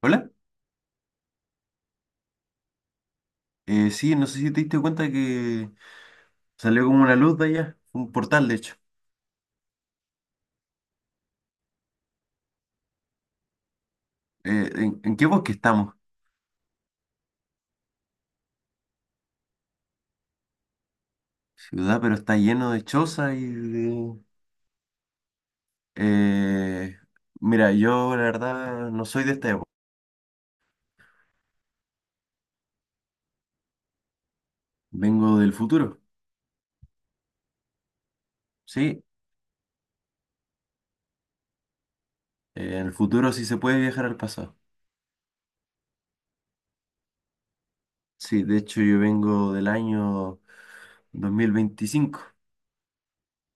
Hola, sí, no sé si te diste cuenta que salió como una luz de allá, un portal de hecho. En qué bosque estamos? Ciudad, pero está lleno de chozas y de... Eh, mira, yo la verdad no soy de esta época, vengo del futuro, ¿sí? En el futuro sí se puede viajar al pasado. Sí, de hecho yo vengo del año 2025.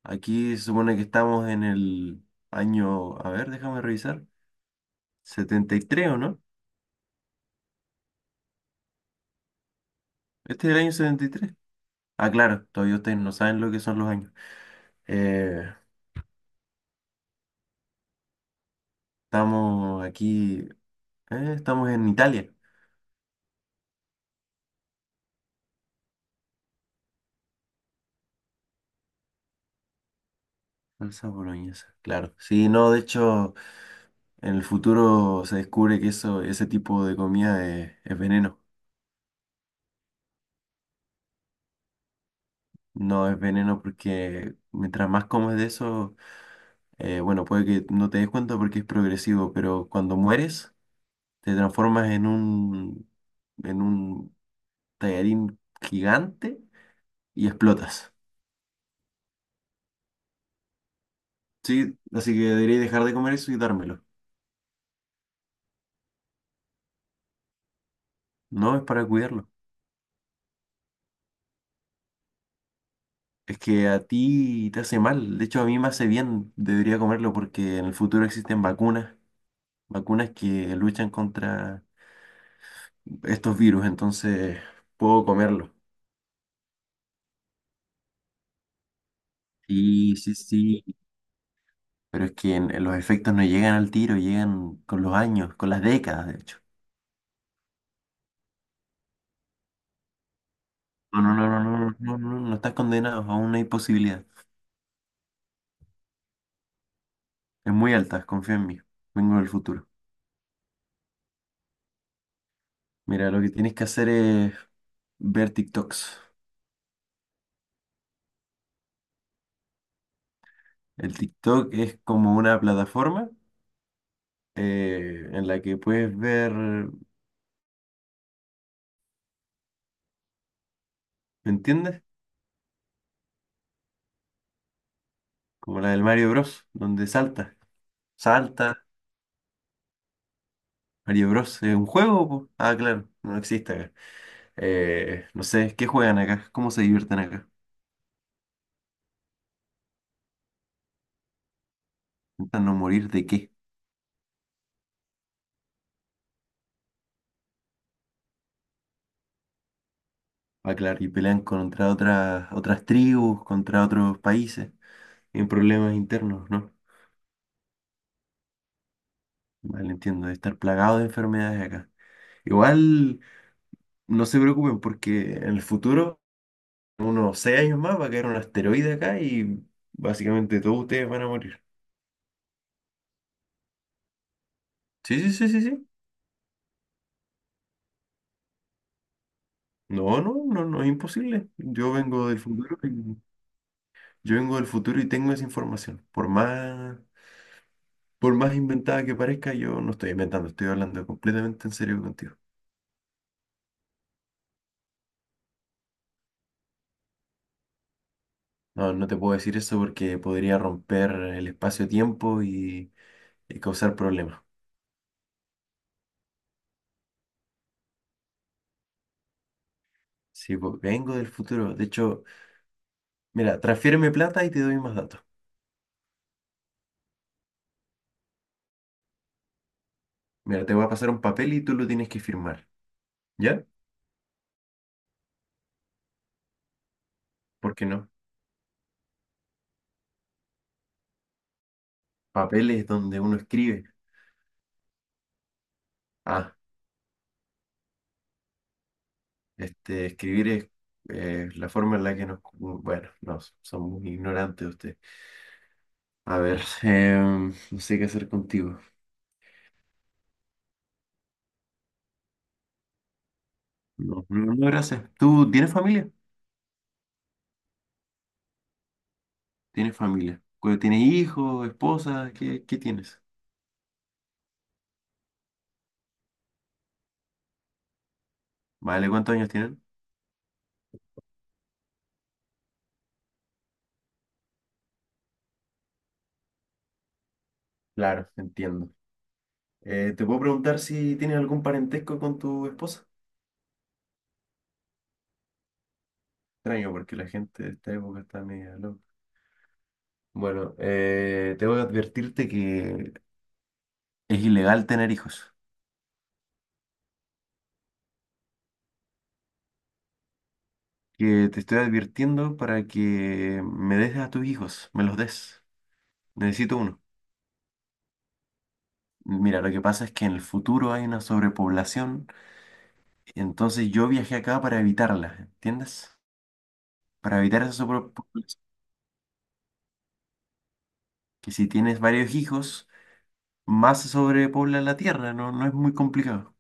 Aquí se supone que estamos en el año, a ver, déjame revisar, ¿73 o no? ¿Este es el año 73? Ah, claro, todavía ustedes no saben lo que son los años. Eh, estamos aquí, estamos en Italia. Salsa boloñesa, claro. Sí, no, de hecho, en el futuro se descubre que eso, ese tipo de comida es veneno. No es veneno porque mientras más comes de eso, bueno, puede que no te des cuenta porque es progresivo, pero cuando mueres, te transformas en un tallarín gigante y explotas. Sí, así que debería dejar de comer eso y dármelo. No, es para cuidarlo. Es que a ti te hace mal. De hecho, a mí me hace bien. Debería comerlo porque en el futuro existen vacunas, vacunas que luchan contra estos virus. Entonces, puedo comerlo. Sí, sí, sí. Pero es que en los efectos no llegan al tiro, llegan con los años, con las décadas, de hecho. No, no, no, no, no, no, no, no, no estás condenado. Aún no hay posibilidad. Es muy alta, confía en mí. Vengo del futuro. Mira, lo que tienes que hacer es ver TikToks. El TikTok es como una plataforma en la que puedes ver, ¿me entiendes? Como la del Mario Bros, donde salta, salta, Mario Bros, ¿es un juego? ¿po? Ah, claro, no existe acá. No sé, ¿qué juegan acá? ¿Cómo se divierten acá? ¿Intentan no morir de qué? Ah, claro, y pelean contra otras, otras tribus, contra otros países, en problemas internos, ¿no? Vale, entiendo, de estar plagado de enfermedades acá. Igual, no se preocupen porque en el futuro unos 6 años más va a caer un asteroide acá y básicamente todos ustedes van a morir. Sí, sí, sí, sí, sí. No, no, no, no es imposible. Yo vengo del futuro y tengo esa información. Por más inventada que parezca, yo no estoy inventando, estoy hablando completamente en serio contigo. No, no te puedo decir eso porque podría romper el y causar problemas. Sí, pues, vengo del futuro. De hecho, mira, transfiéreme plata y te doy más datos. Mira, te voy a pasar un papel y tú lo tienes que firmar. ¿Ya? ¿Por qué no? Papeles donde uno escribe. Ah, este, escribir es la forma en la que nos... Bueno, no, son muy ignorantes ustedes. A ver, no sé qué hacer contigo. No, no, no, gracias. ¿Tú tienes familia? ¿Tienes familia? ¿Tienes hijos, esposa? ¿Qué, qué tienes? Vale, ¿cuántos años tienen? Claro, entiendo. ¿Te puedo preguntar si tienes algún parentesco con tu esposa? Extraño, porque la gente de esta época está media loca. Bueno, tengo que advertirte que es ilegal tener hijos. Que te estoy advirtiendo para que me des a tus hijos, me los des. Necesito uno. Mira, lo que pasa es que en el futuro hay una sobrepoblación, entonces yo viajé acá para evitarla, ¿entiendes? Para evitar esa sobrepoblación. Que si tienes varios hijos, más se sobrepobla la tierra, no, no es muy complicado.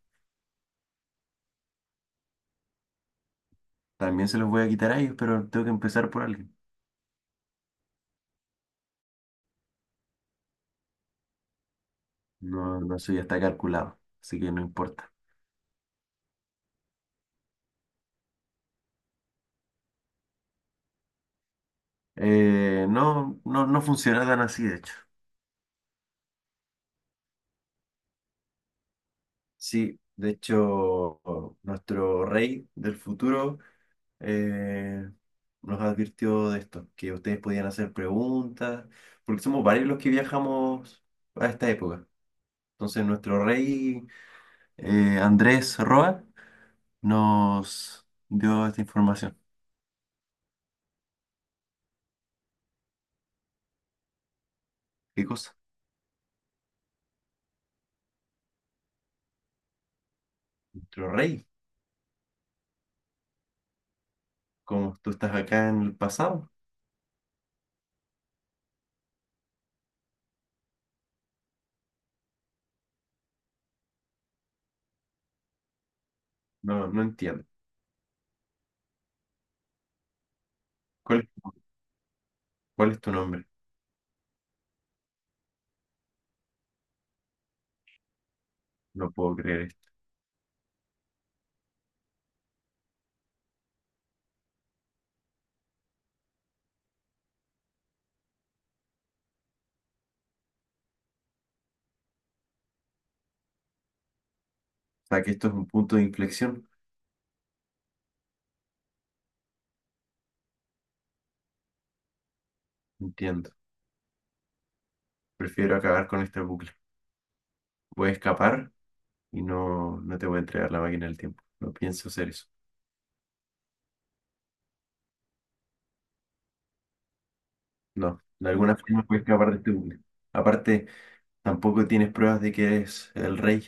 También se los voy a quitar a ellos, pero tengo que empezar por alguien. No, no, eso ya está calculado, así que no importa. No, no, no funciona tan así, de hecho. Sí, de hecho, nuestro rey del futuro eh, nos advirtió de esto, que ustedes podían hacer preguntas, porque somos varios los que viajamos a esta época. Entonces, nuestro rey Andrés Roa nos dio esta información. ¿Qué cosa? Nuestro rey, como tú estás acá en el pasado, no, no entiendo. ¿Cuál es, tu- ¿cuál es tu nombre? No puedo creer esto. O sea, que esto es un punto de inflexión. No entiendo. Prefiero acabar con este bucle. Voy a escapar y no, no te voy a entregar la máquina del tiempo. No pienso hacer eso. No, de alguna forma puedes escapar de este bucle. Aparte, tampoco tienes pruebas de que eres el rey.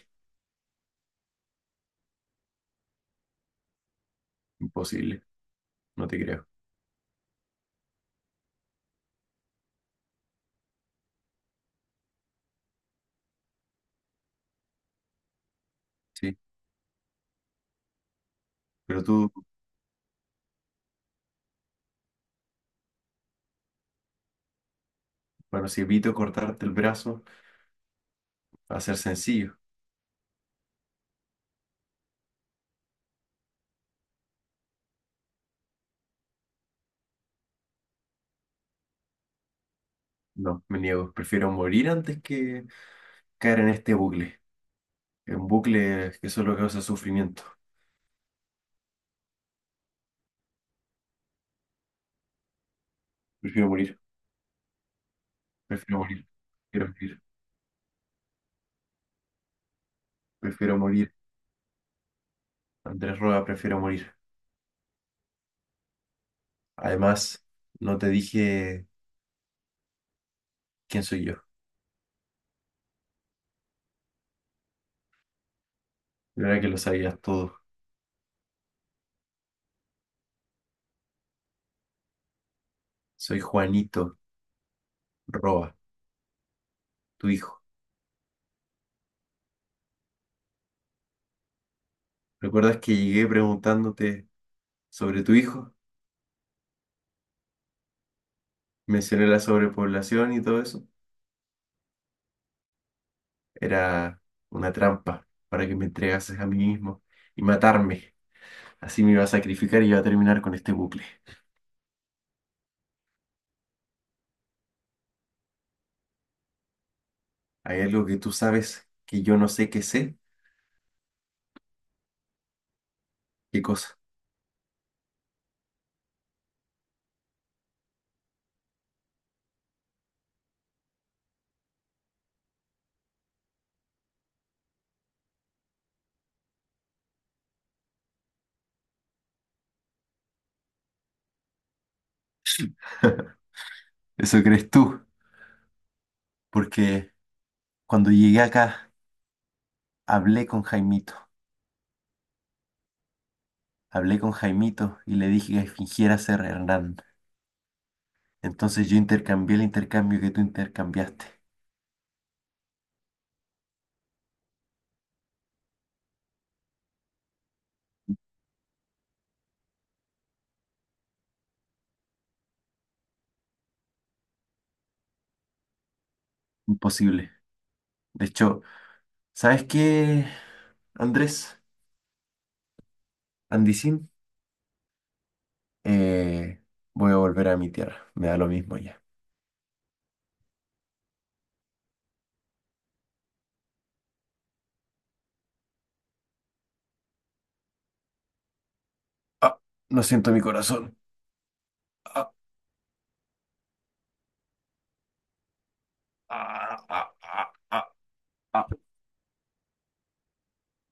Imposible, no te creo. Sí, pero tú, bueno, si evito cortarte el brazo, va a ser sencillo. No, me niego. Prefiero morir antes que caer en este bucle. Un bucle que solo causa sufrimiento. Prefiero morir, prefiero morir, prefiero morir, prefiero morir. Andrés Roa, prefiero morir. Además, no te dije ¿quién soy yo? Yo era que lo sabías todo. Soy Juanito Roa, tu hijo. ¿Recuerdas que llegué preguntándote sobre tu hijo? Mencioné la sobrepoblación y todo eso. Era una trampa para que me entregases a mí mismo y matarme. Así me iba a sacrificar y iba a terminar con este bucle. Hay algo que tú sabes que yo no sé qué sé. ¿Qué cosa? Eso crees tú, porque cuando llegué acá hablé con Jaimito, hablé con Jaimito y le dije que fingiera ser Hernán. Entonces yo intercambié el intercambio que tú intercambiaste. Imposible. De hecho, ¿sabes qué, Andrés? Andisín, eh, voy a volver a mi tierra. Me da lo mismo ya. Ah, no siento mi corazón. Ah, ah, ah, ah, ah, ah.